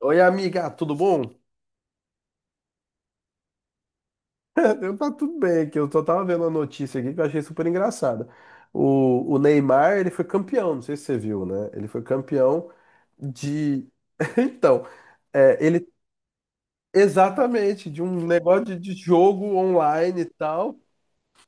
Oi, amiga, tudo bom? Tá tudo bem aqui. Eu só tava vendo uma notícia aqui que eu achei super engraçada. O Neymar, ele foi campeão, não sei se você viu, né? Ele foi campeão de. Então, ele. Exatamente, de um negócio de jogo online e tal.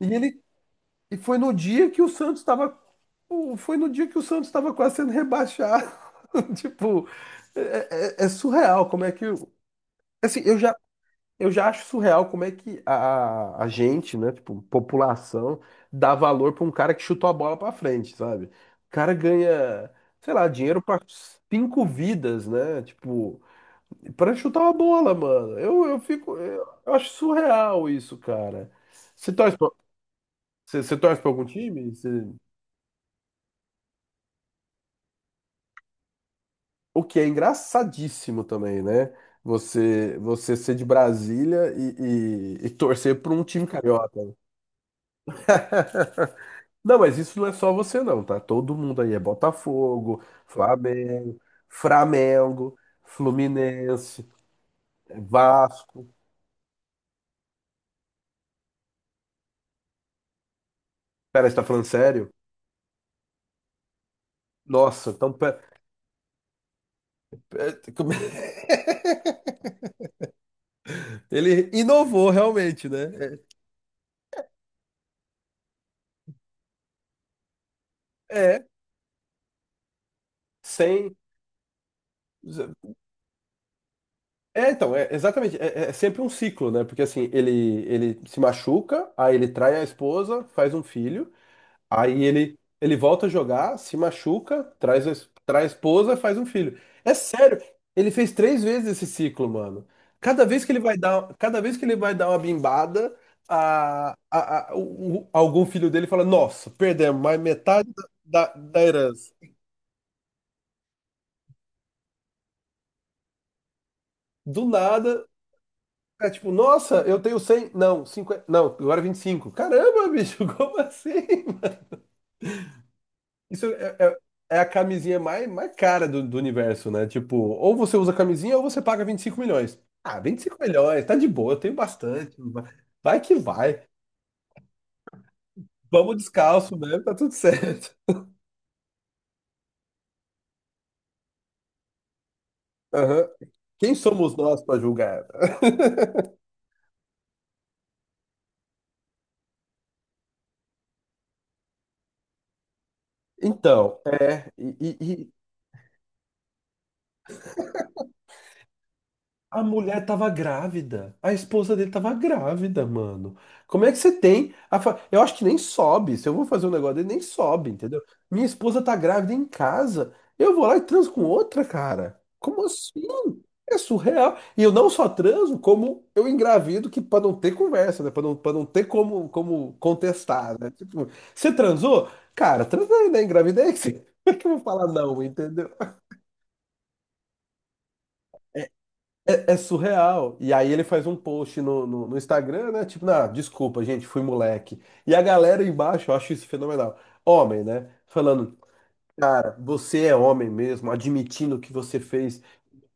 E ele. E foi no dia que o Santos estava. Foi no dia que o Santos estava quase sendo rebaixado. Tipo, é surreal como é que. Assim, eu já. Eu já acho surreal como é que a gente, né, tipo, população, dá valor pra um cara que chutou a bola pra frente, sabe? O cara ganha, sei lá, dinheiro pra cinco vidas, né? Tipo, pra chutar uma bola, mano. Eu fico, eu acho surreal isso, cara. Você torce pra, você torce pra algum time? Você- O que é engraçadíssimo também, né? Você, você ser de Brasília e torcer pra um time carioca. Não, mas isso não é só você não, tá? Todo mundo aí é Botafogo, Flamengo, Flamengo, Fluminense, é Vasco. Pera, você tá falando sério? Nossa, então pera, como- ele inovou realmente, né? É, é, sem. É, então, exatamente, é sempre um ciclo, né? Porque assim, ele se machuca, aí ele trai a esposa, faz um filho. Aí ele volta a jogar, se machuca, traz, traz a esposa, faz um filho. É sério, ele fez três vezes esse ciclo, mano. Cada vez que ele vai dar, cada vez que ele vai dar uma bimbada, algum filho dele fala: Nossa, perdemos mais metade da herança. Do nada, é tipo: Nossa, eu tenho 100 não, 50 não, agora 25. Caramba, bicho, como assim? Isso é, é- é a camisinha mais, mais cara do universo, né? Tipo, ou você usa camisinha ou você paga 25 milhões. Ah, 25 milhões, tá de boa, eu tenho bastante. Vai que vai. Vamos descalço mesmo, tá tudo certo. Aham. Quem somos nós pra julgar? Então, é. A mulher tava grávida. A esposa dele tava grávida, mano. Como é que você tem? Eu acho que nem sobe. Se eu vou fazer um negócio dele, nem sobe, entendeu? Minha esposa tá grávida em casa. Eu vou lá e transo com outra, cara. Como assim? É surreal. E eu não só transo, como eu engravido, que pra não ter conversa, né? Pra não ter como, como contestar, né? Tipo, você transou? Cara, transei, né? Engravidei. Como é que eu vou falar não, entendeu? É surreal. E aí ele faz um post no Instagram, né? Tipo, ah, desculpa, gente, fui moleque. E a galera embaixo, eu acho isso fenomenal. Homem, né? Falando, cara, você é homem mesmo, admitindo que você fez,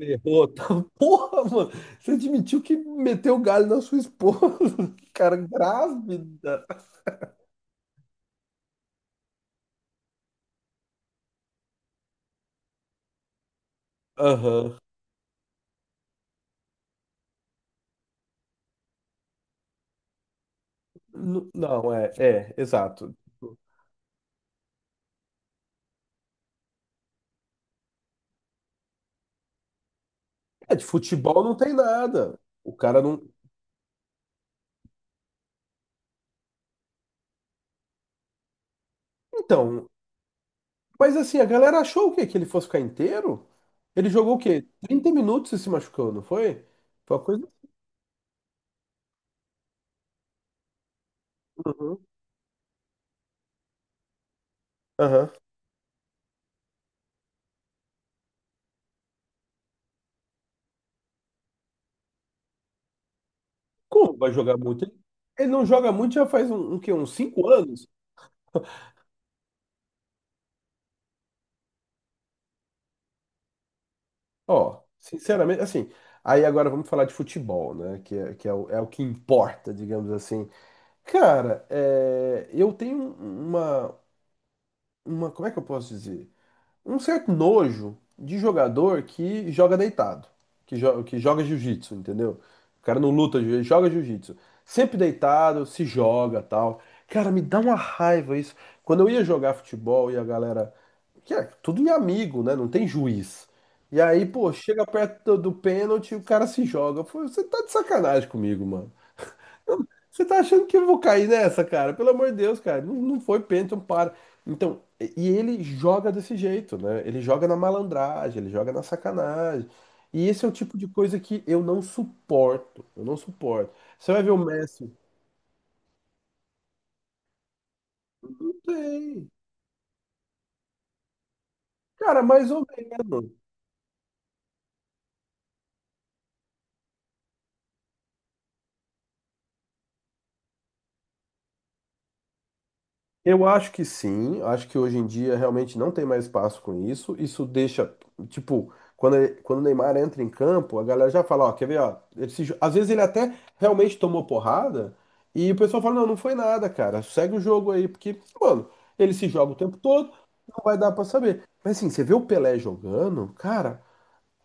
errou, tal. Porra, mano, você admitiu que meteu o galho na sua esposa, cara, grávida. Aham. Não, exato. É, de futebol não tem nada. O cara não. Então, mas assim, a galera achou o quê? Que ele fosse ficar inteiro? Ele jogou o quê? 30 minutos e se machucou, não foi? Foi uma coisa. Uhum. Aham. Como vai jogar muito? Ele não joga muito já faz um, um quê? uns 5 anos? Ó, sinceramente, assim. Aí agora vamos falar de futebol, né? Que é, o, é o que importa, digamos assim. Cara, é, eu tenho uma, uma. Como é que eu posso dizer? Um certo nojo de jogador que joga deitado, que joga jiu-jitsu, entendeu? O cara não luta, ele joga jiu-jitsu. Sempre deitado, se joga, tal. Cara, me dá uma raiva isso. Quando eu ia jogar futebol e a galera, que é tudo em amigo, né? Não tem juiz. E aí, pô, chega perto do pênalti, e o cara se joga. Eu falei, você tá de sacanagem comigo, mano. Você tá achando que eu vou cair nessa, cara? Pelo amor de Deus, cara. Não, não foi pênalti, não para. Então, e ele joga desse jeito, né? Ele joga na malandragem, ele joga na sacanagem. E esse é o tipo de coisa que eu não suporto. Eu não suporto. Você vai ver o Messi? Não tem. Cara, mais ou menos. Eu acho que sim, acho que hoje em dia realmente não tem mais espaço com isso. Isso deixa, tipo, quando, quando o Neymar entra em campo, a galera já fala, ó, quer ver, ó, ele se jo- às vezes ele até realmente tomou porrada e o pessoal fala, não, não foi nada, cara, segue o jogo aí, porque, mano, ele se joga o tempo todo, não vai dar pra saber. Mas assim, você vê o Pelé jogando, cara,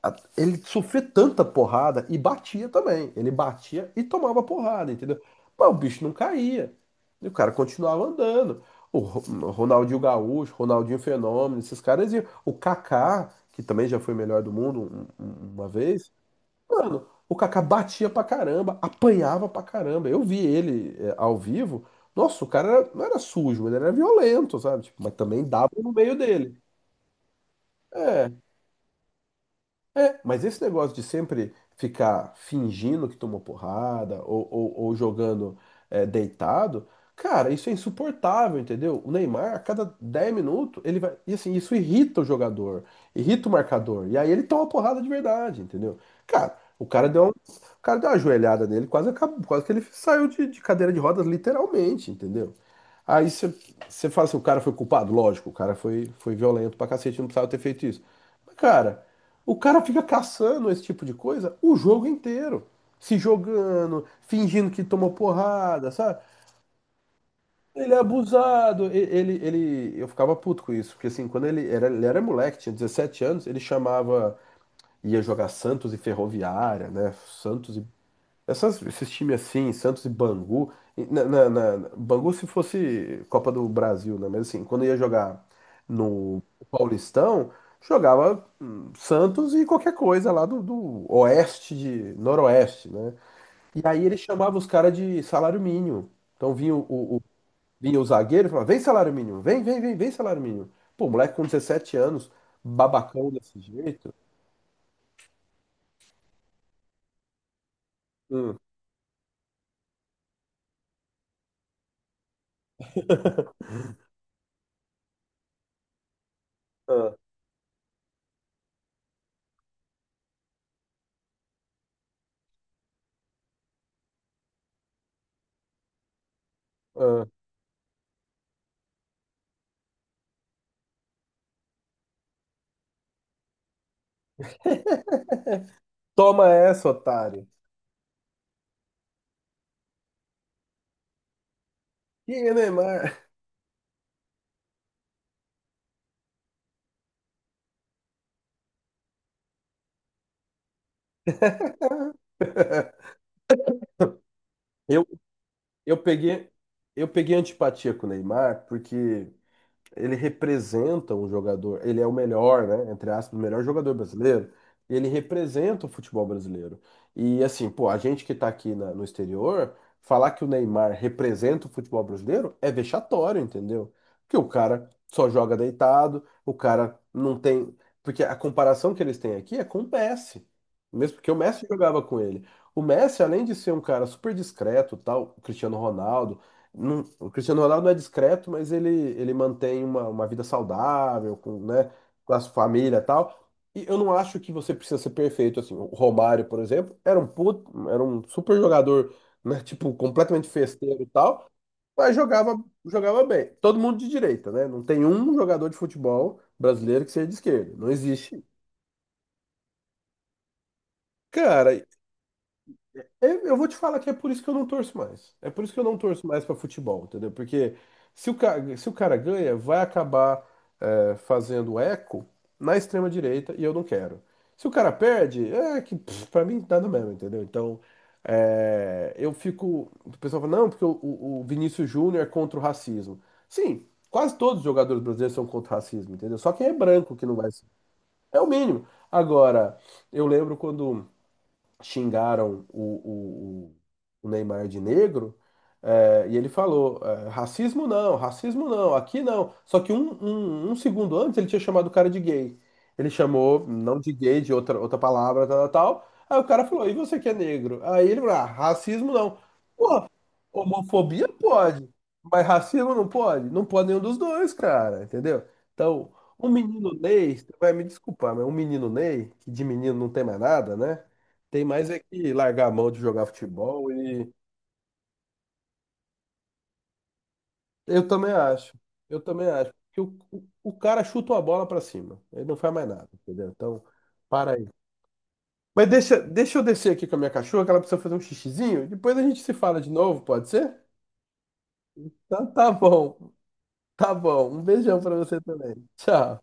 ele sofria tanta porrada e batia também. Ele batia e tomava porrada, entendeu? Mas o bicho não caía. E o cara continuava andando. O Ro- Ronaldinho Gaúcho, Ronaldinho Fenômeno, esses caras iam. O Kaká, que também já foi melhor do mundo uma vez. Mano, o Kaká batia pra caramba, apanhava pra caramba. Eu vi ele ao vivo. Nossa, não era sujo, ele era violento, sabe? Tipo, mas também dava no meio dele. É. É, mas esse negócio de sempre ficar fingindo que tomou porrada ou jogando deitado, cara, isso é insuportável, entendeu? O Neymar, a cada 10 minutos, ele vai. E assim, isso irrita o jogador, irrita o marcador. E aí ele toma porrada de verdade, entendeu? Cara, o cara deu uma ajoelhada nele, quase, acabou, quase que ele saiu de cadeira de rodas, literalmente, entendeu? Aí você fala assim, o cara foi culpado? Lógico, foi violento pra cacete, não precisava ter feito isso. Mas, cara. O cara fica caçando esse tipo de coisa o jogo inteiro. Se jogando, fingindo que tomou porrada, sabe? Ele é abusado. Eu ficava puto com isso, porque assim, quando ele era moleque, tinha 17 anos, ele chamava, ia jogar Santos e Ferroviária, né? Santos e esses times assim, Santos e Bangu, e Bangu se fosse Copa do Brasil, né? Mas assim, quando ia jogar no Paulistão, jogava Santos e qualquer coisa lá do oeste de noroeste, né? E aí ele chamava os caras de salário mínimo. Então vinha vinha o zagueiro e falava, vem salário mínimo, vem, vem, vem, vem salário mínimo. Pô, moleque com 17 anos, babacão desse jeito. Hum, ah, ah. Toma essa, otário. E aí, Neymar? Eu, eu peguei, eu peguei antipatia com o Neymar porque ele representa um jogador, ele é o melhor, né, entre aspas, o melhor jogador brasileiro, e ele representa o futebol brasileiro. E assim, pô, a gente que tá aqui no exterior, falar que o Neymar representa o futebol brasileiro é vexatório, entendeu? Porque o cara só joga deitado, o cara não tem, porque a comparação que eles têm aqui é com o Messi. Mesmo porque o Messi jogava com ele. O Messi, além de ser um cara super discreto, tal, o Cristiano Ronaldo o Cristiano Ronaldo não é discreto, mas ele mantém uma vida saudável, com, né, com a sua família e tal. E eu não acho que você precisa ser perfeito assim. O Romário, por exemplo, era um puto, era um super jogador, né, tipo, completamente festeiro e tal, mas jogava, jogava bem. Todo mundo de direita, né? Não tem um jogador de futebol brasileiro que seja de esquerda. Não existe. Cara, eu vou te falar que é por isso que eu não torço mais. É por isso que eu não torço mais pra futebol, entendeu? Porque se o cara ganha, vai acabar fazendo eco na extrema direita e eu não quero. Se o cara perde, é que pff, pra mim nada mesmo, entendeu? Então eu fico. O pessoal fala, não, porque o Vinícius Júnior é contra o racismo. Sim, quase todos os jogadores brasileiros são contra o racismo, entendeu? Só quem é branco que não vai ser. É o mínimo. Agora, eu lembro quando xingaram o Neymar de negro, e ele falou: é, racismo não, aqui não. Só que um segundo antes ele tinha chamado o cara de gay. Ele chamou, não de gay, de outra, outra palavra, tal, tal, tal. Aí o cara falou: e você que é negro? Aí ele falou: ah, racismo não. Homofobia pode, mas racismo não pode? Não pode nenhum dos dois, cara, entendeu? Então, um menino Ney, você vai me desculpar, mas um menino Ney, que de menino não tem mais nada, né? Tem mais é que largar a mão de jogar futebol e. Eu também acho, eu também acho. Que o cara chuta uma bola pra cima, ele não faz mais nada, entendeu? Então, para aí. Mas deixa, deixa eu descer aqui com a minha cachorra, que ela precisa fazer um xixizinho, depois a gente se fala de novo, pode ser? Então, tá bom. Tá bom, um beijão pra você também. Tchau.